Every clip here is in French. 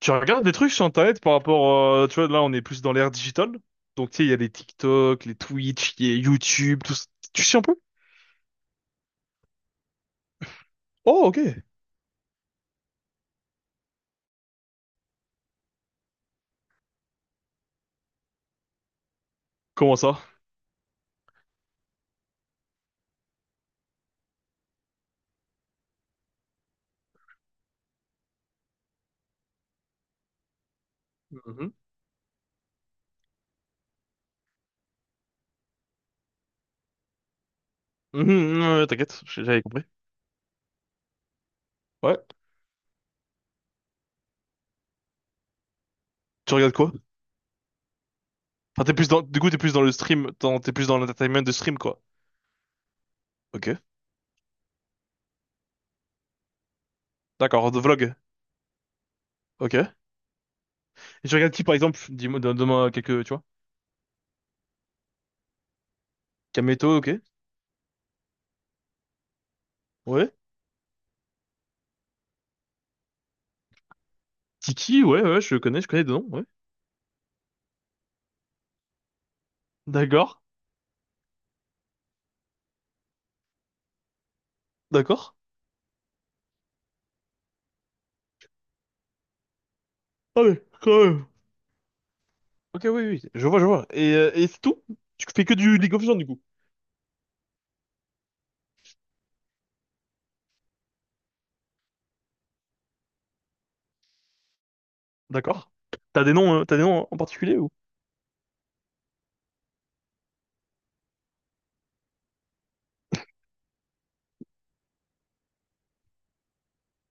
Tu regardes des trucs sur Internet par rapport, tu vois, là on est plus dans l'ère digitale. Donc tu sais, il y a les TikTok, les Twitch, il y a YouTube, tout ça. Tu sais un peu? Oh, ok. Comment ça? Mhm. Mhm, ouais, t'inquiète, j'avais compris. Ouais. Tu regardes quoi? Enfin, t'es plus dans le stream, t'es plus dans l'entertainment de stream, quoi. Ok. D'accord, de vlog. Ok. Et tu regardes qui, par exemple? Dis-moi, donne-moi quelques, tu vois. Kameto, ok. Ouais. Tiki, ouais, ouais, je connais de nom, ouais. D'accord. D'accord. Ah ouais, quand même. Ok, oui, oui, je vois, je vois. Et, c'est tout? Tu fais que du League of Legends, du coup. D'accord. T'as des noms en particulier ou?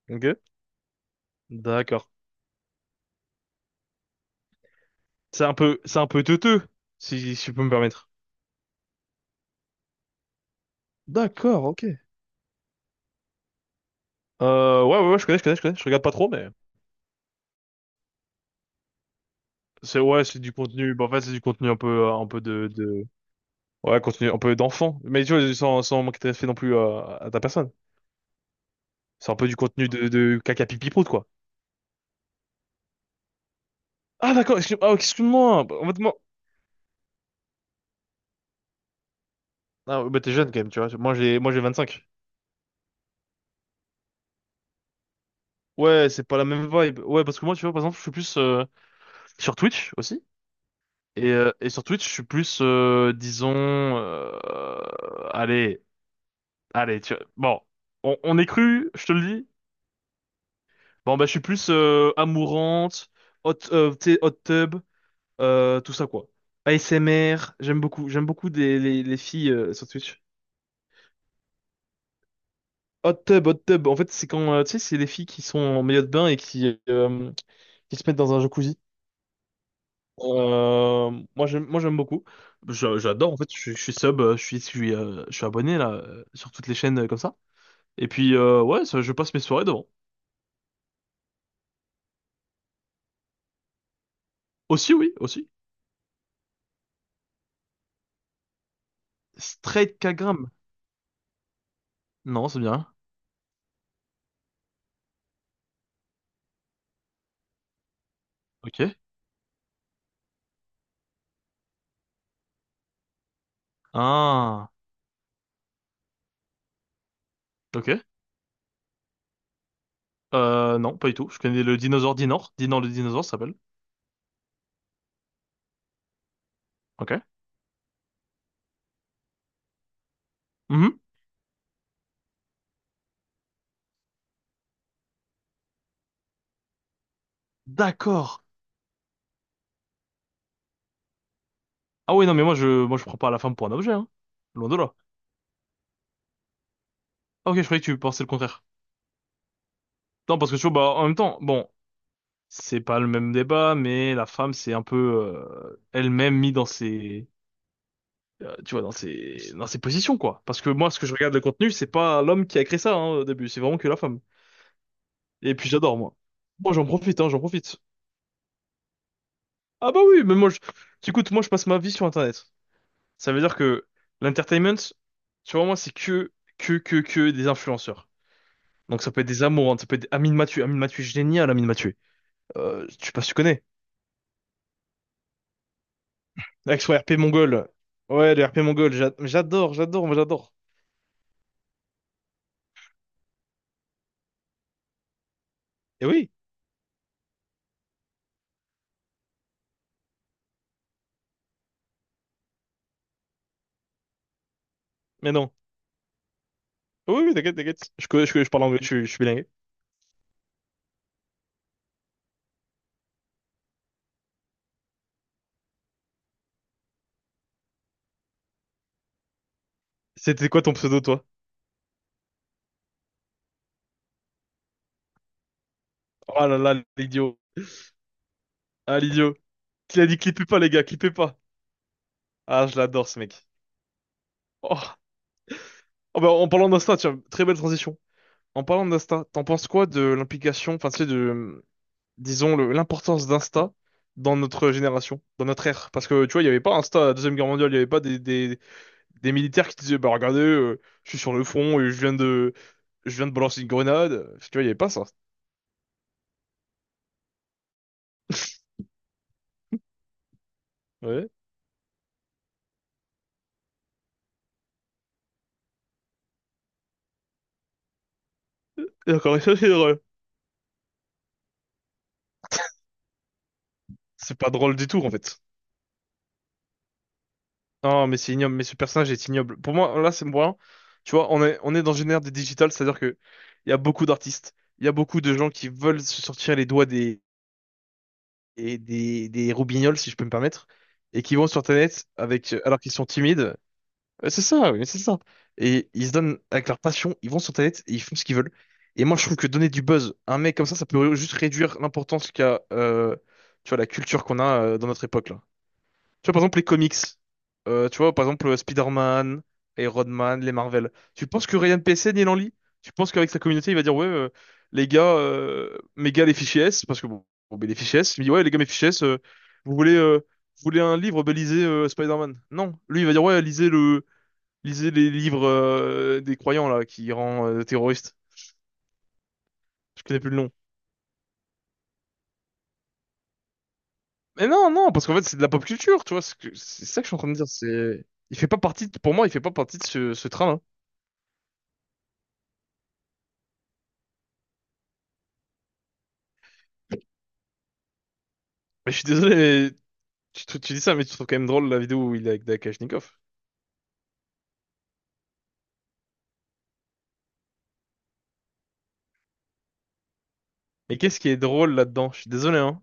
Ok. D'accord. C'est un peu teuteux, si je peux me permettre. D'accord, ok. Ouais, ouais, ouais, je connais, je connais, je connais. Je regarde pas trop, mais c'est ouais, c'est du contenu. Bah, en fait, c'est du contenu un peu, ouais, contenu un peu d'enfant. Mais tu vois, sans manquer de respect non plus à, ta personne. C'est un peu du contenu de caca pipi prout, quoi. Ah, d'accord. Excuse, ah, ok, excuse-moi. Bah, en fait, moi, ah, bah, t'es jeune quand même, tu vois. Moi, j'ai 25. Ouais, c'est pas la même vibe. Ouais, parce que moi, tu vois, par exemple, je suis plus sur Twitch aussi. Et sur Twitch, je suis plus, disons, euh, allez, allez, tu bon, on est cru, je te le dis. Bon, bah, je suis plus amourante, hot, tu sais, hot tub, tout ça, quoi. ASMR, j'aime beaucoup les filles sur Twitch. Hot tub, en fait, c'est quand, tu sais, c'est les filles qui sont en maillot de bain et qui se mettent dans un jacuzzi. Euh, moi j'aime beaucoup. J'adore en fait. Je suis abonné là sur toutes les chaînes comme ça. Et puis ouais, ça, je passe mes soirées devant. Aussi oui, aussi. Straight Kagram. Non, c'est bien. Ok. Ah. Ok. Non, pas du tout. Je connais le dinosaure Dinor. Dinor le dinosaure ça s'appelle. Ok. Mhm. D'accord. Ah oui, non, mais moi je prends pas la femme pour un objet, hein. Loin de là. Ah, ok, je croyais que tu pensais le contraire. Non, parce que tu vois, bah en même temps, bon, c'est pas le même débat, mais la femme c'est un peu elle-même mise dans ses, tu vois, dans ses positions, quoi. Parce que moi, ce que je regarde de contenu, c'est pas l'homme qui a créé ça, hein, au début, c'est vraiment que la femme. Et puis j'adore, moi. Moi, j'en profite, hein, j'en profite. Ah, bah oui, mais moi, je... écoute, moi je passe ma vie sur Internet. Ça veut dire que l'entertainment, tu vois, moi c'est que des influenceurs. Donc ça peut être des amoureux, ça peut être Amine Mathieu, Amine Mathieu génial, Amine Mathieu. Je sais pas si tu connais. Avec Action RP mongol. Ouais, le RP mongol, j'adore, j'adore, moi j'adore. Et oui, mais non. Oui, oui, t'inquiète, t'inquiète. Je parle anglais, je suis bilingue. C'était quoi ton pseudo, toi? Oh là là, l'idiot. Ah, l'idiot. Qui a dit clippez pas, les gars, clippez pas. Ah, je l'adore, ce mec. Oh. Oh, bah, en parlant d'Insta, tiens, très belle transition. En parlant d'Insta, t'en penses quoi de l'implication, enfin, tu sais, de, disons, l'importance d'Insta dans notre génération, dans notre ère? Parce que, tu vois, il n'y avait pas Insta à la Deuxième Guerre mondiale, il n'y avait pas des, des, des, militaires qui disaient, bah regardez, je suis sur le front et je viens de balancer une grenade. Tu vois, il n'y avait pas ça. Ouais. Et encore c'est drôle. C'est pas drôle du tout, en fait. Non, mais c'est ignoble. Mais ce personnage est ignoble. Pour moi, là, c'est moi. Tu vois, on est dans une ère des digital, c'est-à-dire que il y a beaucoup d'artistes, il y a beaucoup de gens qui veulent se sortir les doigts des, et des roubignoles, si je peux me permettre, et qui vont sur Internet avec, alors qu'ils sont timides. Ouais, c'est ça, oui, c'est ça. Et ils se donnent avec leur passion, ils vont sur Internet et ils font ce qu'ils veulent. Et moi, je trouve que donner du buzz à un mec comme ça peut juste réduire l'importance qu'a, tu vois, la culture qu'on a dans notre époque, là. Tu vois, par exemple, les comics. Tu vois, par exemple, Spider-Man, Iron Man, les Marvel. Tu penses que Ryan PSN, il en lit? Tu penses qu'avec sa communauté, il va dire, ouais, les gars, mes gars, les fichiers S, parce que bon, ben, les fichiers S, il me dit, ouais, les gars, mes fichiers S, vous voulez, euh, vous voulez un livre, ben, lisez Spider-Man. Non, lui, il va dire, ouais, lisez le. Lisez les livres des croyants là qui rend terroriste. Je connais plus le nom. Mais non, non, parce qu'en fait c'est de la pop culture, tu vois. C'est ça que je suis en train de dire. C'est, il fait pas partie. Pour moi, il fait pas partie de ce train-là. Mais je suis désolé, mais tu dis ça, mais tu trouves quand même drôle la vidéo où il est avec Dakashnikov. Mais qu'est-ce qui est drôle là-dedans? Je suis désolé, hein.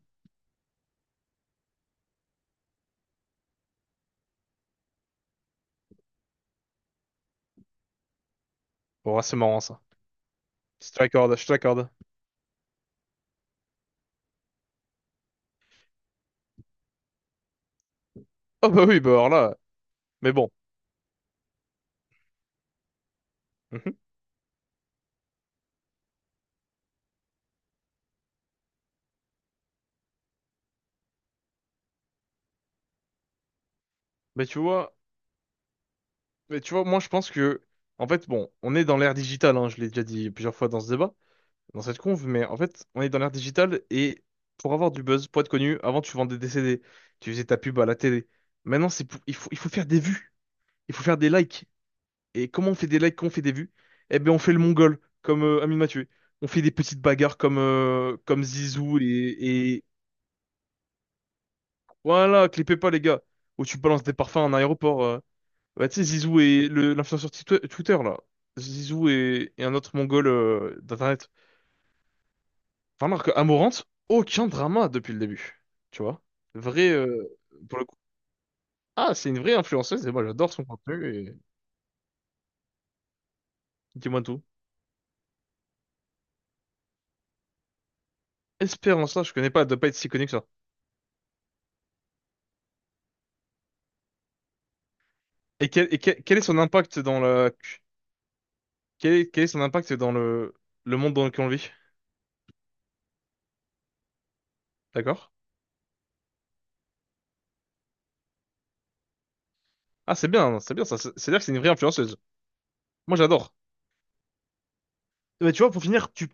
Bon, ah, c'est marrant ça. Je te l'accorde, je te l'accorde. Oh bah oui, bah alors là. Mais bon. Mhm. Mais tu vois, mais tu vois, moi je pense que, en fait, bon, on est dans l'ère digitale. Hein, je l'ai déjà dit plusieurs fois dans ce débat, dans cette conve, mais en fait, on est dans l'ère digitale et pour avoir du buzz, pour être connu, avant tu vendais des CD, tu faisais ta pub à la télé. Maintenant, c'est pour- il faut faire des vues, il faut faire des likes. Et comment on fait des likes, comment on fait des vues? Eh bien, on fait le mongol, comme Amine Mathieu. On fait des petites bagarres comme Zizou et... Voilà, clipez pas les gars, où tu balances des parfums à un aéroport. Bah, tu sais, Zizou et l'influenceur Twitter, là. Zizou et un autre mongol d'Internet. Enfin, alors que Amarante, aucun drama depuis le début. Tu vois? Vrai, pour le coup. Ah, c'est une vraie influenceuse et moi j'adore son contenu et dis-moi tout. Espérance là, je connais pas, elle doit pas être si connue que ça. Quel est son impact dans la, quel est son impact dans le monde dans lequel on vit? D'accord? Ah, c'est bien ça. C'est-à-dire que c'est une vraie influenceuse. Moi j'adore. Mais tu vois, pour finir, tu,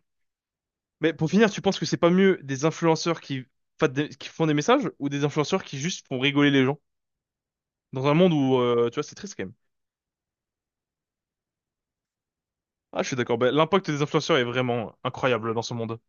mais pour finir, tu penses que c'est pas mieux des influenceurs qui, qui font des messages ou des influenceurs qui juste font rigoler les gens? Dans un monde où, tu vois, c'est triste quand même. Ah, je suis d'accord. Ben, l'impact des influenceurs est vraiment incroyable dans ce monde.